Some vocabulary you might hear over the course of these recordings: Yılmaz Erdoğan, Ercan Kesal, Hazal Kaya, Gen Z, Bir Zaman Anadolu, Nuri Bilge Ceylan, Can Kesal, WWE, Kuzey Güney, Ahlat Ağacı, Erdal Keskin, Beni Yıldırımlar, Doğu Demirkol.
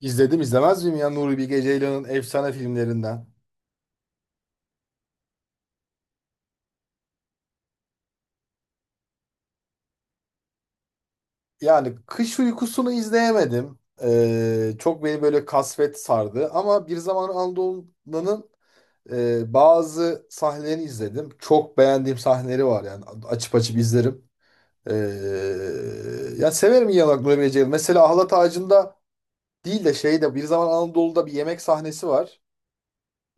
İzledim izlemez miyim ya Nuri Bilge Ceylan'ın efsane filmlerinden. Yani Kış Uykusu'nu izleyemedim. Çok beni böyle kasvet sardı. Ama Bir Zaman Anadolu'nun bazı sahnelerini izledim. Çok beğendiğim sahneleri var yani. Açıp açıp izlerim. Ee, Ya severim iyi olarak Nuri Bilge Ceylan. Mesela Ahlat Ağacı'nda değil de şeyde Bir Zaman Anadolu'da bir yemek sahnesi var.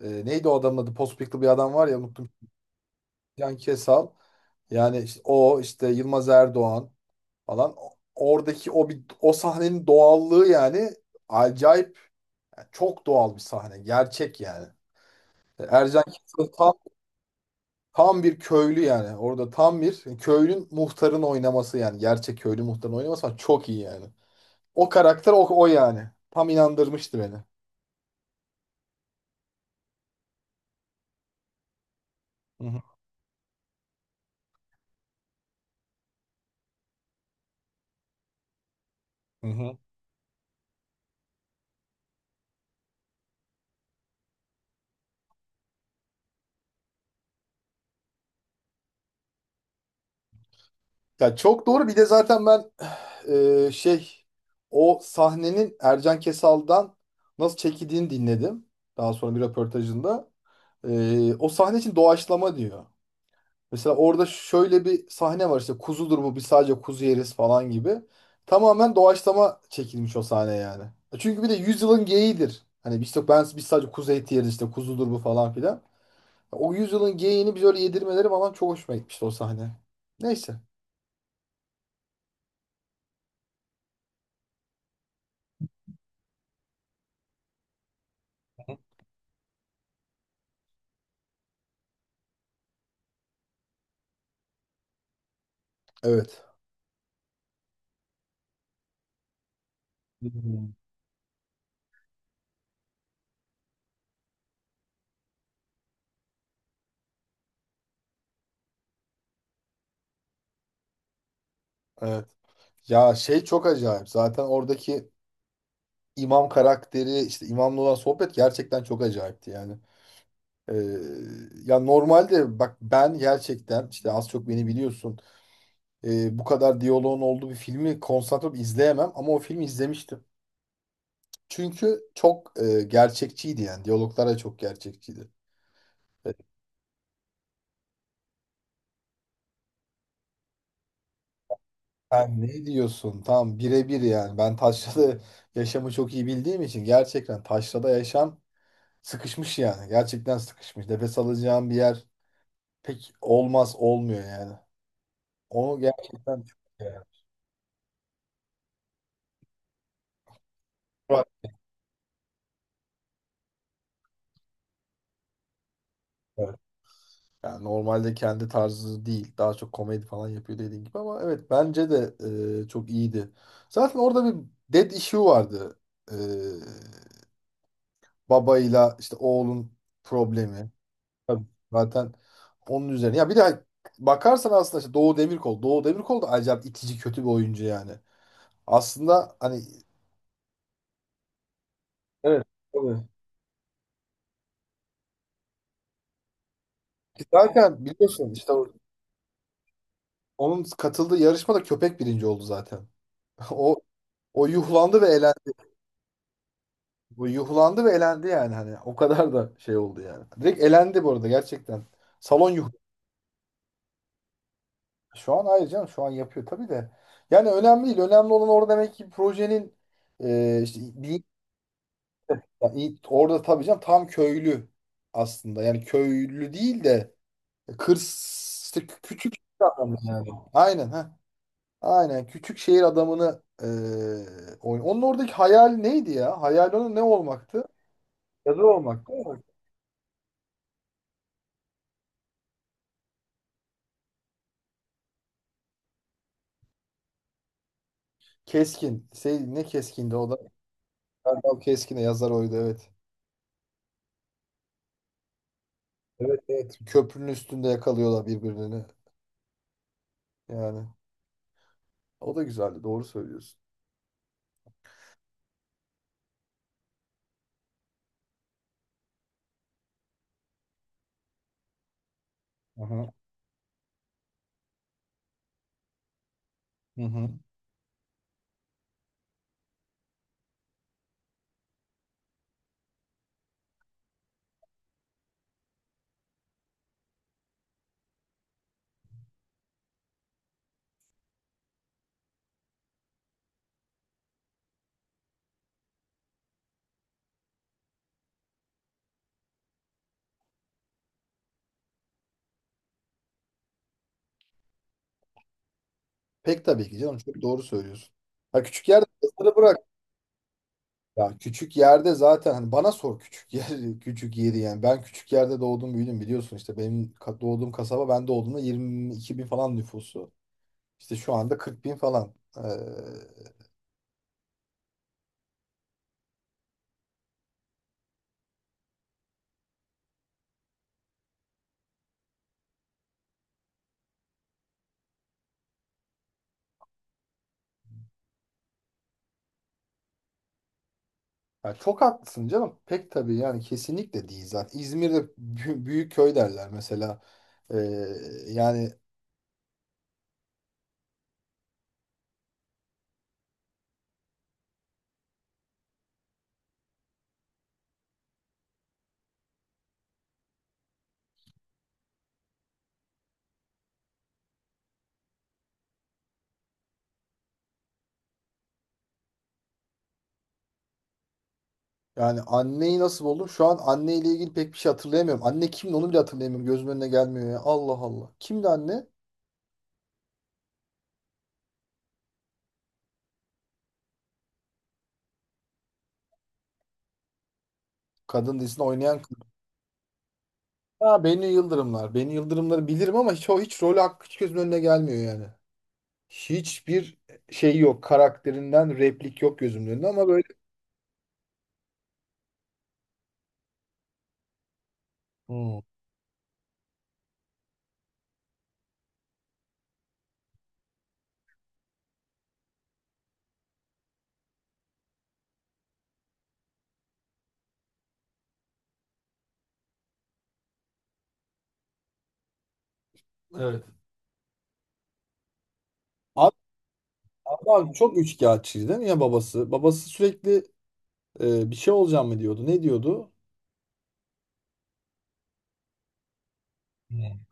Neydi o adamın adı? Pospiklı bir adam var ya, unuttum. Can Kesal. Yani işte o, işte Yılmaz Erdoğan falan. Oradaki o bir o sahnenin doğallığı yani acayip, yani çok doğal bir sahne. Gerçek yani. Ercan Kesal tam bir köylü yani. Orada tam bir köylün muhtarın oynaması yani. Gerçek köylü muhtarın oynaması falan çok iyi yani. O karakter o yani. Tam inandırmıştı beni. Hı hı. Hı hı. Ya çok doğru. Bir de zaten ben şey, o sahnenin Ercan Kesal'dan nasıl çekildiğini dinledim. Daha sonra bir röportajında. O sahne için doğaçlama diyor. Mesela orada şöyle bir sahne var, işte kuzudur bu, biz sadece kuzu yeriz falan gibi. Tamamen doğaçlama çekilmiş o sahne yani. Çünkü bir de yüzyılın geyiğidir. Hani biz işte, ben biz sadece kuzu eti yeriz, işte kuzudur bu falan filan. O yüzyılın geyiğini biz öyle yedirmeleri falan çok hoşuma gitmişti o sahne. Neyse. Evet. Evet. Ya şey, çok acayip. Zaten oradaki imam karakteri, işte imamla olan sohbet gerçekten çok acayipti yani. Ee, Ya normalde bak ben gerçekten, işte az çok beni biliyorsun. Bu kadar diyaloğun olduğu bir filmi konsantre olup izleyemem, ama o filmi izlemiştim. Çünkü çok gerçekçiydi yani. Diyaloglar da çok gerçekçiydi. Evet. Sen ne diyorsun? Tam birebir yani. Ben taşrada yaşamı çok iyi bildiğim için, gerçekten taşrada yaşam sıkışmış yani. Gerçekten sıkışmış. Nefes alacağım bir yer pek olmaz, olmuyor yani. Onu gerçekten yani. Var. Evet. yani normalde kendi tarzı değil. Daha çok komedi falan yapıyor dediğin gibi, ama evet bence de çok iyiydi. Zaten orada bir dead issue vardı. E, Babayla işte oğlun problemi. Tabii. Zaten onun üzerine. Ya bir de bakarsan aslında işte Doğu Demirkol. Doğu Demirkol da acayip itici, kötü bir oyuncu yani. Aslında hani, evet, tabii. Zaten biliyorsun işte onun katıldığı yarışmada köpek birinci oldu zaten. O o yuhlandı ve elendi. Bu yuhlandı ve elendi yani, hani o kadar da şey oldu yani. Direkt elendi bu arada, gerçekten. Salon yuh. Şu an hayır canım, şu an yapıyor tabii de. Yani önemli değil. Önemli olan orada demek ki projenin işte bir, yani orada tabii canım tam köylü aslında. Yani köylü değil de kır işte, küçük adam yani. Aynen ha. Aynen küçük şehir adamını oyun. Onun oradaki hayal neydi ya? Hayal onun ne olmaktı? Yazar olmak değil mi? Keskin. Şey, ne keskindi o da? Erdal Keskin'e, yazar oydu, evet. Evet, evet. Köprünün üstünde yakalıyorlar birbirlerini. Yani o da güzeldi, doğru söylüyorsun. Aha. Hı hı. Pek tabii ki canım, çok doğru söylüyorsun. Ha, küçük yerde yazarı bırak. Ya küçük yerde zaten, hani bana sor küçük yer küçük yeri yani, ben küçük yerde doğdum büyüdüm, biliyorsun işte benim doğduğum kasaba, ben doğduğumda 22 bin falan nüfusu, işte şu anda 40 bin falan, yani çok haklısın canım, pek tabii yani, kesinlikle değil. Zaten İzmir'de büyük köy derler mesela. Ee, Yani, yani anneyi nasıl buldum, şu an anneyle ilgili pek bir şey hatırlayamıyorum, anne kimdi onu bile hatırlayamıyorum, gözümün önüne gelmiyor ya, Allah Allah, kimdi anne? Kadın dizisinde oynayan. Ha, Beni Yıldırımlar. Beni Yıldırımları bilirim ama hiç, o hiç rolü hakkı hiç gözümün önüne gelmiyor yani. Hiçbir şey yok. Karakterinden replik yok gözümün önünde ama böyle. Hmm. Evet. Abi, abi çok üçkağıtçıydı değil mi ya babası? Babası sürekli bir şey olacağım mı diyordu. Ne diyordu? Hmm.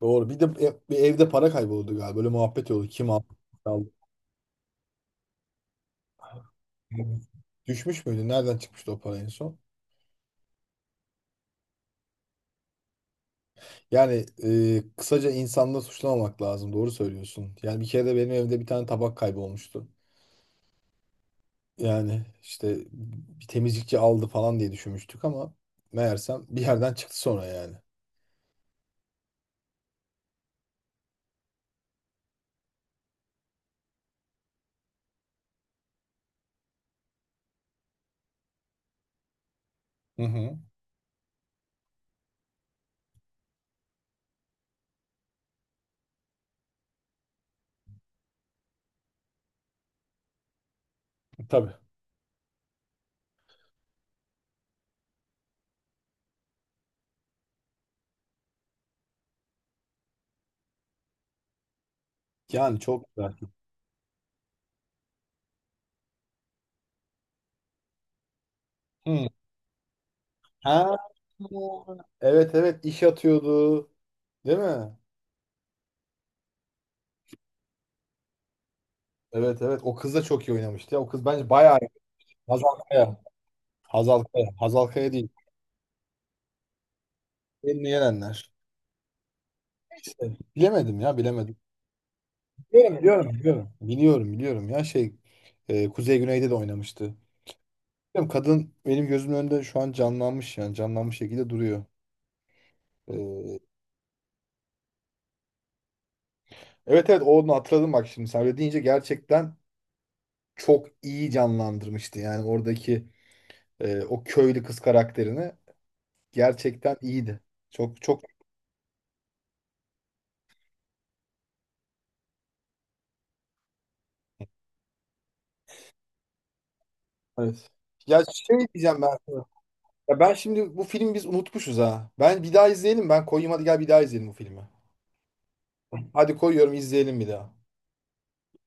Doğru. Bir de bir evde para kayboldu galiba. Böyle muhabbet oldu. Kim aldı? Kim aldı? Evet. Düşmüş müydü? Nereden çıkmıştı o para en son? Yani kısaca insanla suçlamamak lazım. Doğru söylüyorsun. Yani bir kere de benim evde bir tane tabak kaybolmuştu. Yani işte bir temizlikçi aldı falan diye düşünmüştük, ama meğersem bir yerden çıktı sonra yani. Hı hı. Tabii. Yani çok güzel. Hı. Ha. Evet, evet, iş atıyordu. Değil mi? Evet, evet, o kız da çok iyi oynamıştı ya. O kız bence bayağı iyi. Hazal Kaya. Hazal Kaya. Hazal Kaya değil. Elini yenenler. İşte bilemedim ya, bilemedim. Biliyorum, biliyorum, biliyorum. Biliyorum, biliyorum ya şey, Kuzey Güney'de de oynamıştı. Bilmiyorum, kadın benim gözümün önünde şu an canlanmış, yani canlanmış şekilde duruyor. Ee, evet, evet, onu hatırladım bak, şimdi sen öyle deyince gerçekten çok iyi canlandırmıştı. Yani oradaki o köylü kız karakterini, gerçekten iyiydi. Çok çok, evet. Ya şey diyeceğim ben sana. Ya, ben şimdi bu filmi biz unutmuşuz ha. Ben bir daha izleyelim, ben koyayım, hadi gel bir daha izleyelim bu filmi. Hadi koyuyorum, izleyelim bir daha.